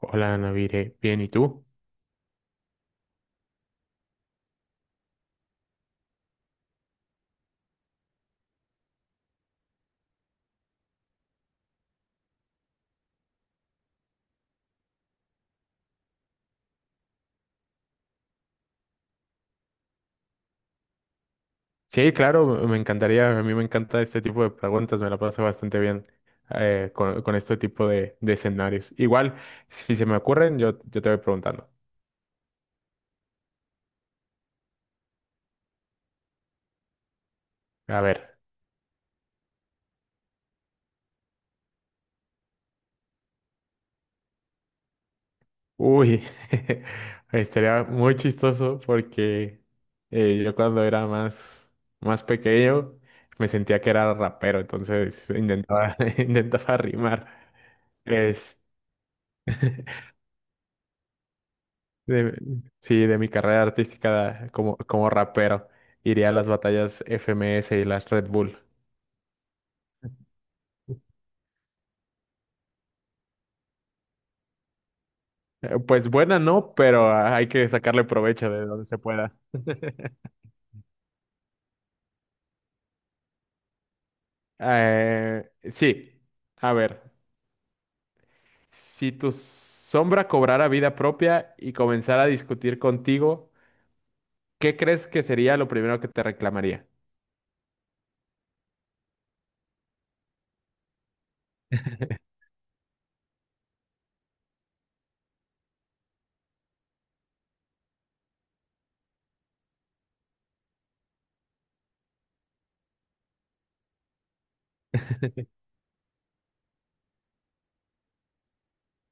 Hola, Navire. Bien, ¿y tú? Sí, claro, me encantaría. A mí me encanta este tipo de preguntas. Me la paso bastante bien con este tipo de escenarios. Igual, si se me ocurren, yo te voy preguntando. A ver. Uy, estaría muy chistoso porque yo cuando era más pequeño me sentía que era rapero, entonces intentaba, intentaba rimar. Es- De- sí, de mi carrera artística como, como rapero. Iría a las batallas FMS y las Red Bull. Pues buena no, pero hay que sacarle provecho de donde se pueda. Sí, a ver, si tu sombra cobrara vida propia y comenzara a discutir contigo, ¿qué crees que sería lo primero que te reclamaría?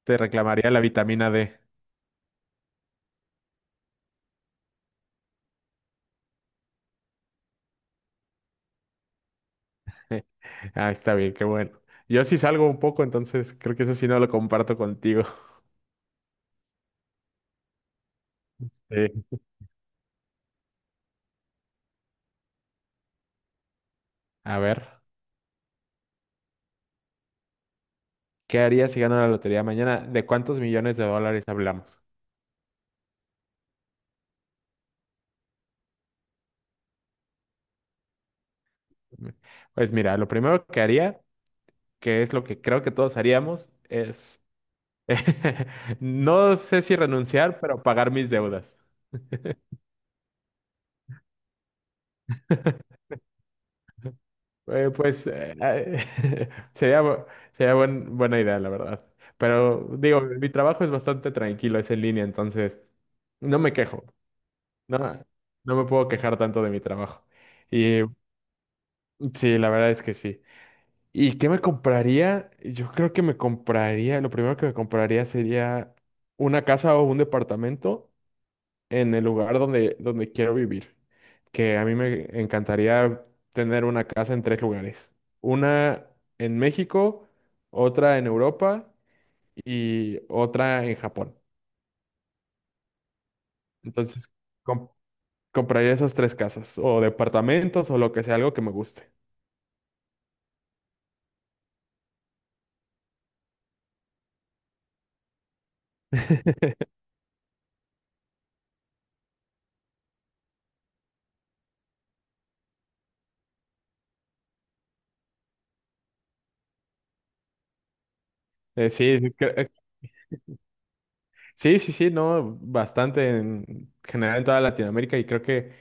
Te reclamaría la vitamina D. Ah, está bien, qué bueno. Yo sí salgo un poco, entonces creo que eso sí no lo comparto contigo. A ver, ¿qué harías si gano la lotería mañana? ¿De cuántos millones de dólares hablamos? Pues mira, lo primero que haría, que es lo que creo que todos haríamos, es, no sé si renunciar, pero pagar mis deudas. Eh, pues eh, eh, sería, bu- sería buena idea, la verdad. Pero digo, mi trabajo es bastante tranquilo, es en línea, entonces no me quejo, no, no me puedo quejar tanto de mi trabajo. Y sí, la verdad es que sí. ¿Y qué me compraría? Yo creo que me compraría, lo primero que me compraría sería una casa o un departamento en el lugar donde, donde quiero vivir. Que a mí me encantaría tener una casa en tres lugares. Una en México, otra en Europa y otra en Japón. Entonces, com- compraría esas tres casas o departamentos o lo que sea, algo que me guste. Eh, sí, sí, cre- Sí, sí, sí, no, bastante en general en toda Latinoamérica y creo que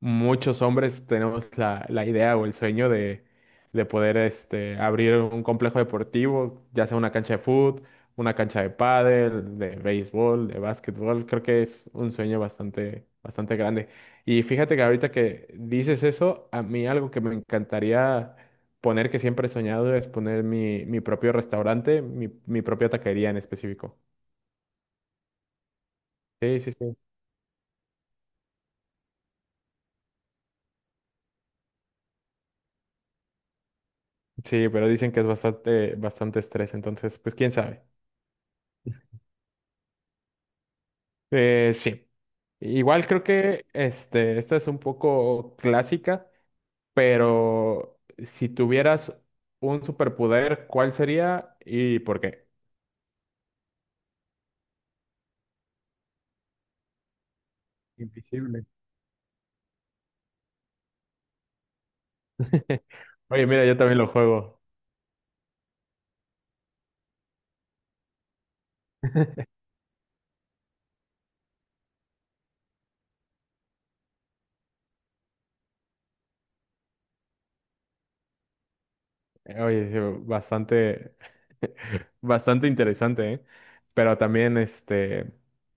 muchos hombres tenemos la idea o el sueño de poder este, abrir un complejo deportivo, ya sea una cancha de fútbol, una cancha de pádel, de béisbol, de básquetbol. Creo que es un sueño bastante, bastante grande. Y fíjate que ahorita que dices eso, a mí algo que me encantaría poner, que siempre he soñado, es poner mi propio restaurante, mi propia taquería en específico. Sí, sí, sí. Sí, pero dicen que es bastante, bastante estrés, entonces, pues quién sabe. Sí. Igual creo que esta es un poco clásica, pero si tuvieras un superpoder, ¿cuál sería y por qué? Invisible. Oye, mira, yo también lo juego. Oye, sí, bastante, bastante interesante, ¿eh? Pero también, este,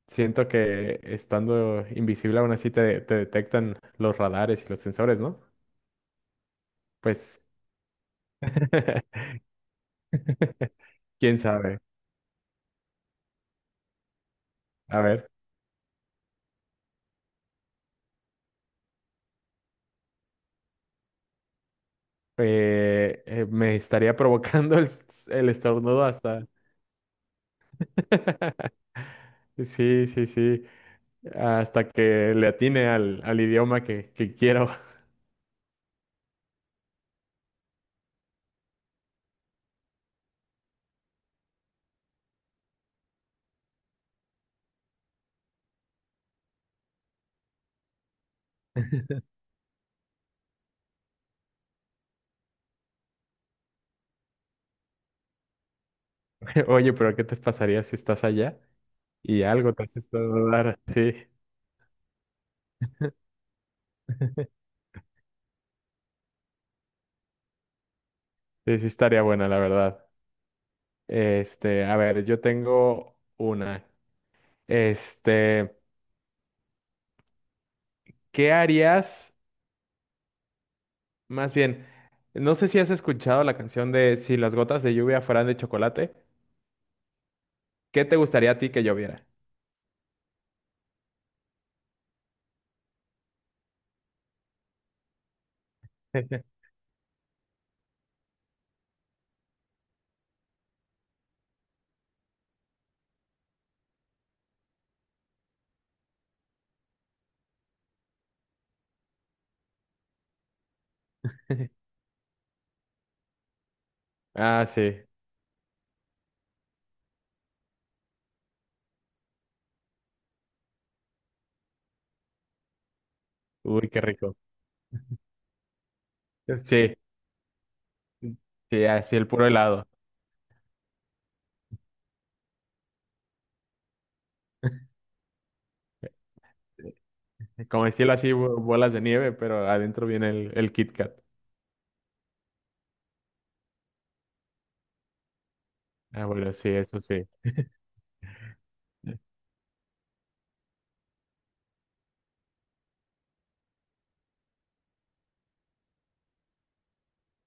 siento que estando invisible aún así te detectan los radares y los sensores, ¿no? Pues, quién sabe. A ver, me estaría provocando el estornudo hasta. Sí, sí, sí. Hasta que le atine al idioma que quiero. Oye, pero ¿qué te pasaría si estás allá y algo te hace estornudar? Sí. Sí, sí estaría buena, la verdad. Este, a ver, yo tengo una. Este, ¿qué harías? Más bien, no sé si has escuchado la canción de Si las gotas de lluvia fueran de chocolate, ¿qué te gustaría a ti que lloviera? Ah, sí. Uy, qué rico. Sí, sí, así el puro helado. Como estilo así, bolas de nieve, pero adentro viene el Kit Kat. Ah, bueno, sí, eso sí.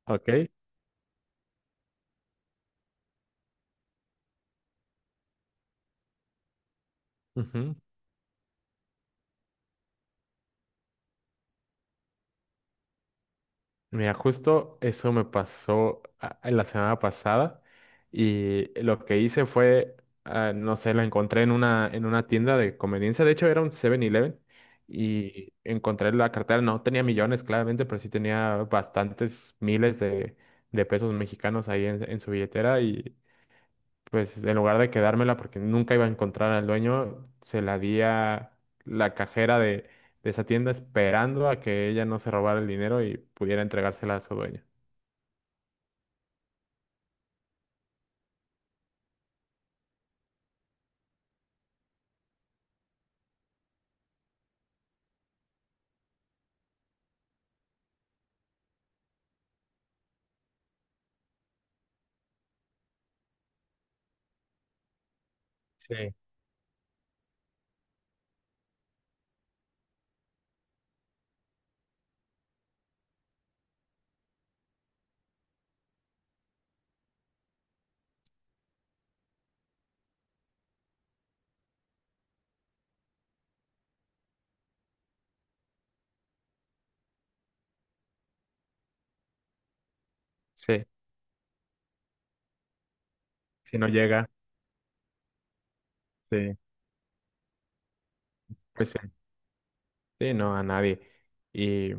Ok. Ujú. Mira, justo eso me pasó a la semana pasada y lo que hice fue, ah, no sé, lo encontré en una tienda de conveniencia, de hecho era un 7-Eleven y encontré la cartera. No tenía millones claramente, pero sí tenía bastantes miles de pesos mexicanos ahí en su billetera, y pues en lugar de quedármela porque nunca iba a encontrar al dueño, se la di a la cajera de esa tienda esperando a que ella no se robara el dinero y pudiera entregársela a su dueño. Sí, sí, Si no llega, sí. Pues sí, sí, no, a nadie. y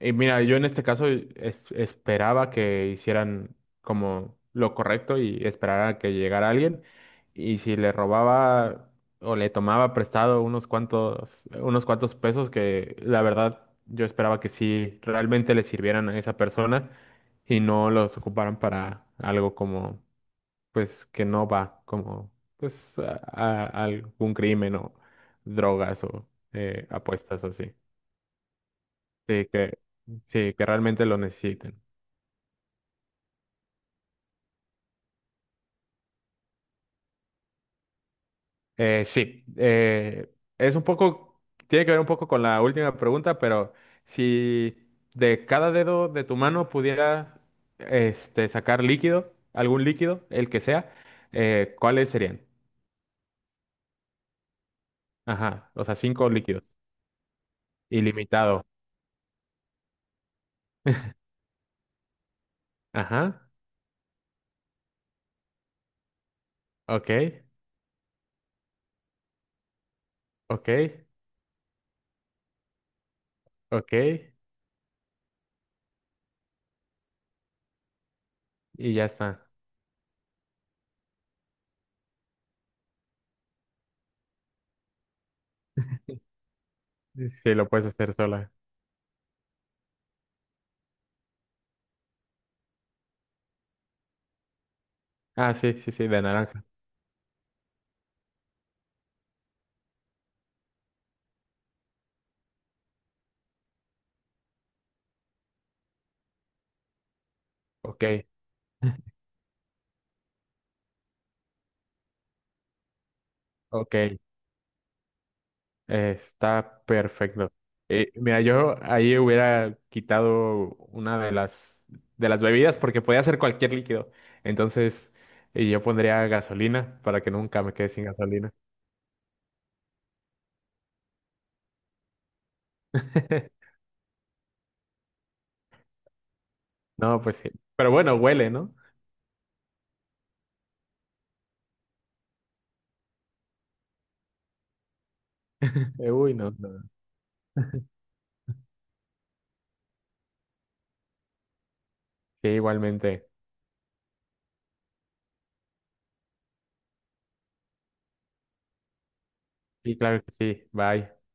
Y mira, yo en este caso esperaba que hicieran como lo correcto y esperara que llegara alguien. Y si le robaba o le tomaba prestado unos cuantos pesos, que la verdad yo esperaba que sí realmente le sirvieran a esa persona y no los ocuparan para algo como, pues, que no va, como, pues, algún crimen o drogas o apuestas o así. Sí, que, sí, que realmente lo necesiten. Sí, es un poco, tiene que ver un poco con la última pregunta, pero si de cada dedo de tu mano pudieras este, sacar líquido, algún líquido, el que sea, ¿cuáles serían? Ajá, o sea, cinco líquidos. Ilimitado. Ajá, ok, ok, ok, y ya está. Sí, lo puedes hacer sola. Ah, sí, sí, sí, de naranja. Ok, ok. Está perfecto. Mira, yo ahí hubiera quitado una de las bebidas porque podía ser cualquier líquido. Entonces, y yo pondría gasolina para que nunca me quede sin gasolina. No, pues sí. Pero bueno, huele, ¿no? Uy, no, no. Sí, igualmente. Sí, claro que sí. Bye.